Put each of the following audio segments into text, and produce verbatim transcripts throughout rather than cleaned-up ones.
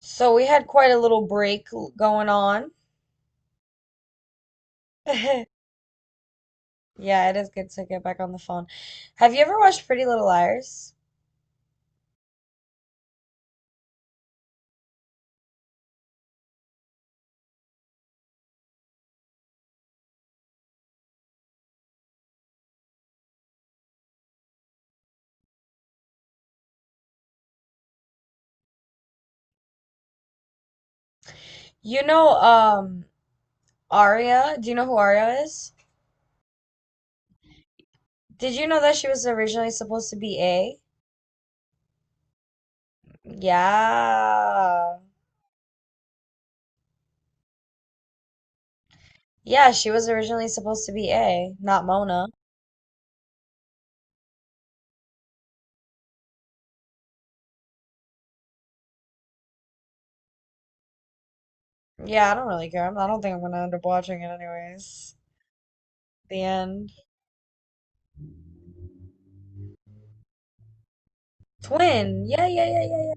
So we had quite a little break going on. Yeah, it is good to get back on the phone. Have you ever watched Pretty Little Liars? You know, um, Aria. Do you know who Aria is? Did you know that she was originally supposed to be A? Yeah. Yeah, she was originally supposed to be A, not Mona. Yeah, I don't really care. I'm- I don't think I'm gonna end up watching it anyways. The end. Twin. Yeah, yeah, yeah, yeah, yeah.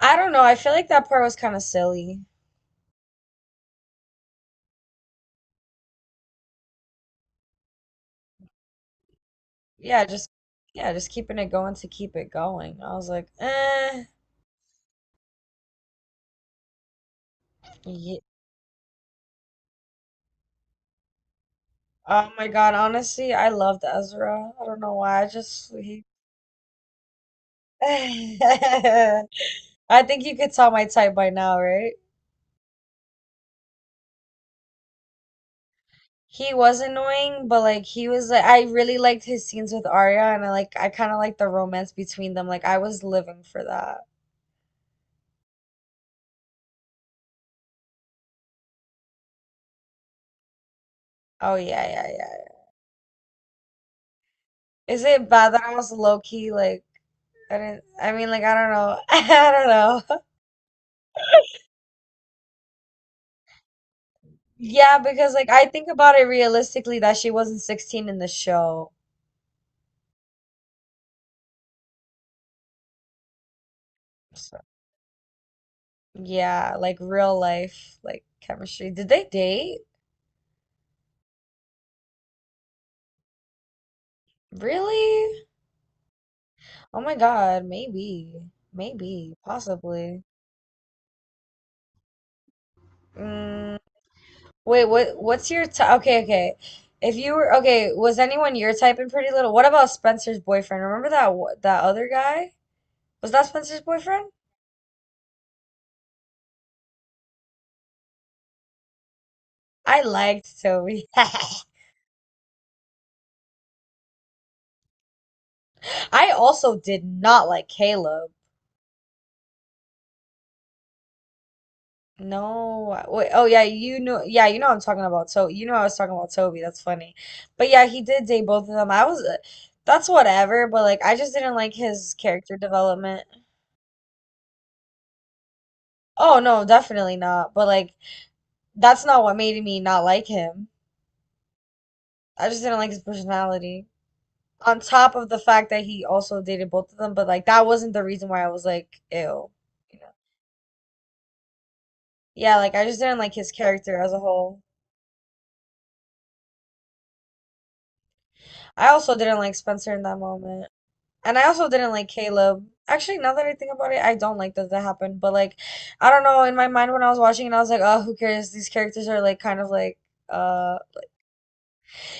I don't know. I feel like that part was kind of silly. Yeah, just yeah, just keeping it going to keep it going. I was like, eh. Ye- Oh my God, honestly, I loved Ezra. I don't know why. I just he. I think you could tell my type by now, right? He was annoying, but like he was like I really liked his scenes with Arya, and I like I kind of like the romance between them. Like I was living for that. Oh yeah, yeah, yeah, yeah. Is it bad that I was low key like I didn't? I mean, like I don't know. I don't know. Yeah, because like I think about it realistically that she wasn't sixteen in the show. So, yeah, like real life, like chemistry. Did they date? Really? Oh my God, maybe. Maybe, possibly. Mm, Wait, what what's your type? Okay, okay. If you were okay, was anyone your type in Pretty Little? What about Spencer's boyfriend? Remember that wh- that other guy? Was that Spencer's boyfriend? I liked Toby. I also did not like Caleb. No, wait, oh yeah, you know, yeah, you know what I'm talking about. So you know I was talking about Toby. That's funny, but yeah, he did date both of them. I was, uh, that's whatever. But like, I just didn't like his character development. Oh no, definitely not. But like, that's not what made me not like him. I just didn't like his personality. On top of the fact that he also dated both of them, but like that wasn't the reason why I was like, ew, you know? Yeah, like I just didn't like his character as a whole. I also didn't like Spencer in that moment. And I also didn't like Caleb. Actually, now that I think about it, I don't like that that happened. But like, I don't know. In my mind, when I was watching it, I was like, oh, who cares? These characters are like kind of like, uh,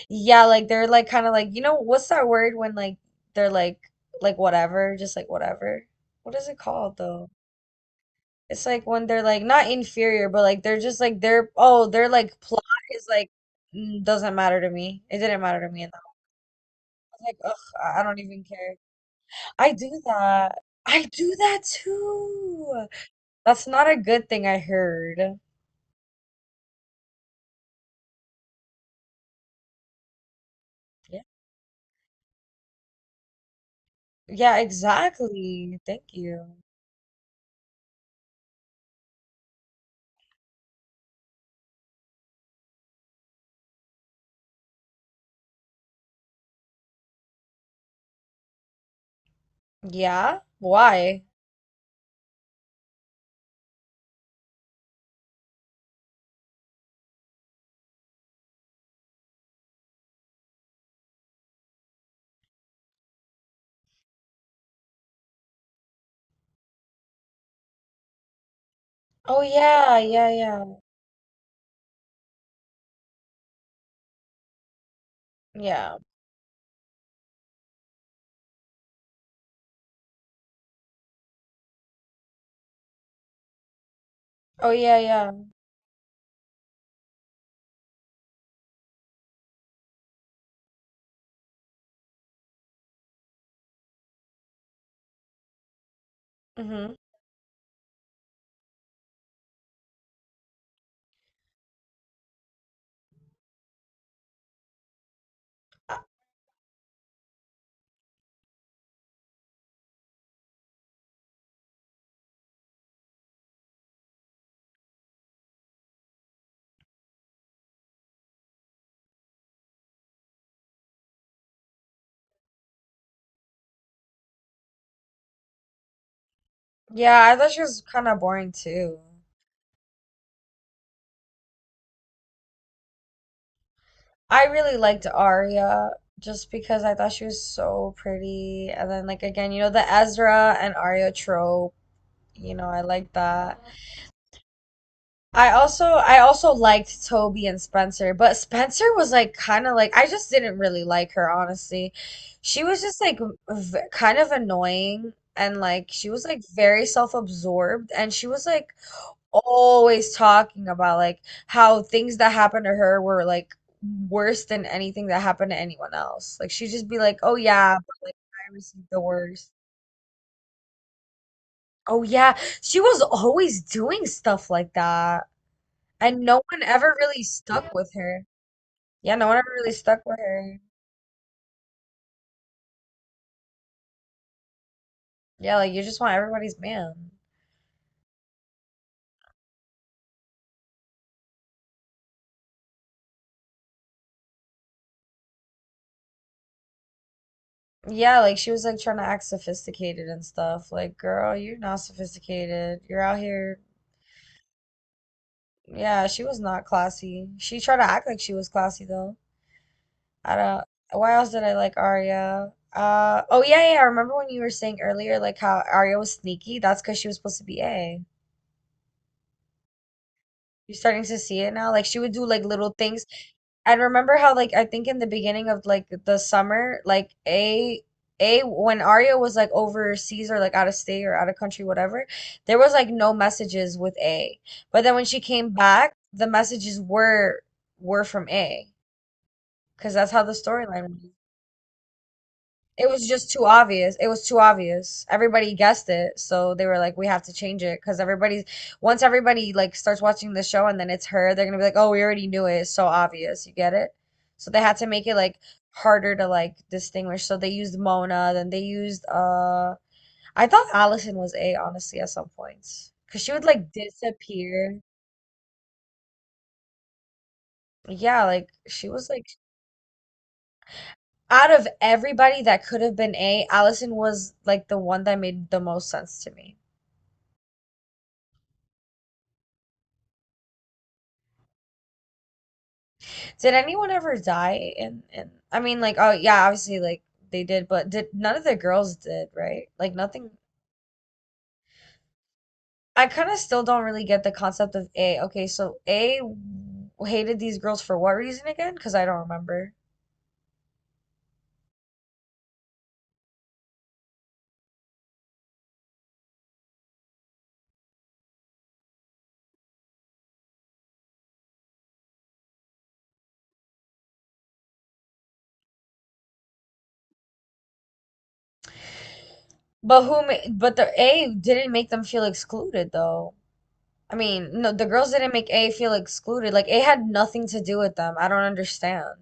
yeah, like they're like kind of like you know what's that word when like they're like like whatever, just like whatever. What is it called though? It's like when they're like not inferior, but like they're just like they're oh they're like plot is like mm, doesn't matter to me. It didn't matter to me, and I was like, ugh, I I don't even care. I do that. I do that too. That's not a good thing I heard. Yeah. Yeah, exactly. Thank you. Yeah? Why? Oh yeah, yeah, yeah. Yeah. Oh yeah, yeah. Mm-hmm. Yeah, I thought she was kind of boring too. I really liked Arya just because I thought she was so pretty. And then like again, you know, the Ezra and Arya trope, you know, I like that. I also I also liked Toby and Spencer, but Spencer was like kind of like I just didn't really like her, honestly. She was just like v kind of annoying and like she was like very self-absorbed and she was like always talking about like how things that happened to her were like worse than anything that happened to anyone else. Like she'd just be like, "Oh yeah, but like I received the worst." Oh yeah, she was always doing stuff like that. And no one ever really stuck with her. Yeah, no one ever really stuck with her. Yeah, like you just want everybody's man. Yeah, like she was like trying to act sophisticated and stuff. Like, girl, you're not sophisticated. You're out here. Yeah, she was not classy. She tried to act like she was classy though. I don't. Why else did I like Arya? Uh, oh yeah, yeah. I remember when you were saying earlier like how Arya was sneaky. That's because she was supposed to be A. You're starting to see it now. Like she would do like little things. And remember how like I think in the beginning of like the summer, like a a when Arya was like overseas or like out of state or out of country, whatever, there was like no messages with A. But then when she came back, the messages were were from A, because that's how the storyline was. It was just too obvious. It was too obvious. Everybody guessed it, so they were like, "We have to change it," because everybody's once everybody like starts watching the show and then it's her, they're gonna be like, "Oh, we already knew it. It's so obvious." You get it? So they had to make it like harder to like distinguish. So they used Mona, then they used uh, I thought Allison was A honestly at some points, because she would like disappear. Yeah, like she was like out of everybody that could have been A, Allison was like the one that made the most sense to me. Did anyone ever die in in I mean like oh yeah, obviously like they did, but did none of the girls did, right? Like nothing I kind of still don't really get the concept of A. Okay, so A hated these girls for what reason again? Because I don't remember. But who ma- but the A didn't make them feel excluded though. I mean, no, the girls didn't make A feel excluded. Like A had nothing to do with them. I don't understand.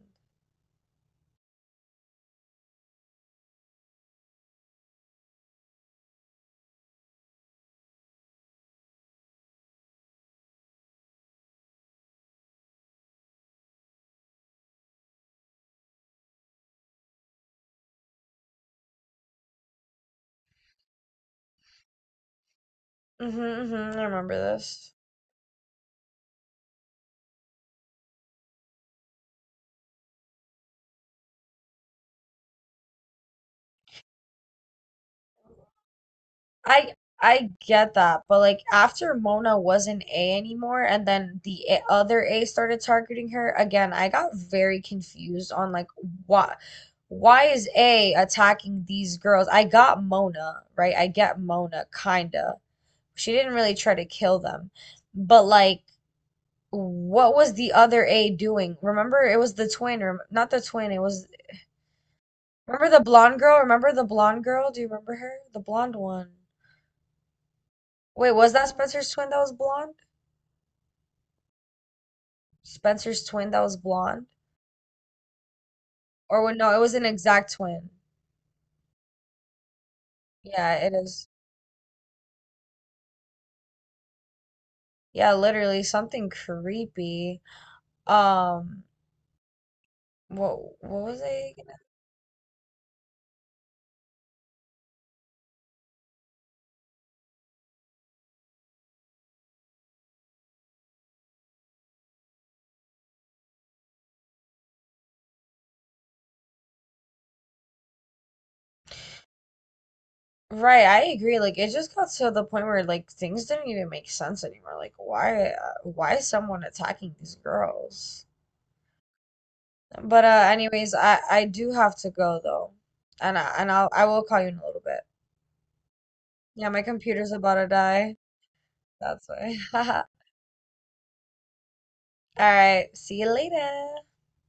Mm-hmm, mm-hmm, I remember this. I I get that, but like after Mona wasn't A anymore and then the a- other A started targeting her again, I got very confused on like why why is A attacking these girls? I got Mona, right? I get Mona kinda. She didn't really try to kill them. But like what was the other A doing? Remember it was the twin or not the twin, it was remember the blonde girl? Remember the blonde girl? Do you remember her? The blonde one. Wait, was that Spencer's twin that was blonde? Spencer's twin that was blonde. Or when, no, it was an exact twin. Yeah, it is. Yeah, literally something creepy. Um, what what was I gonna- Right, I agree. Like it just got to the point where like things didn't even make sense anymore. Like why uh, why is someone attacking these girls? But uh anyways, I I do have to go though. And I, and I'll I will call you in a little bit. Yeah, my computer's about to die. That's why. All right, see you later.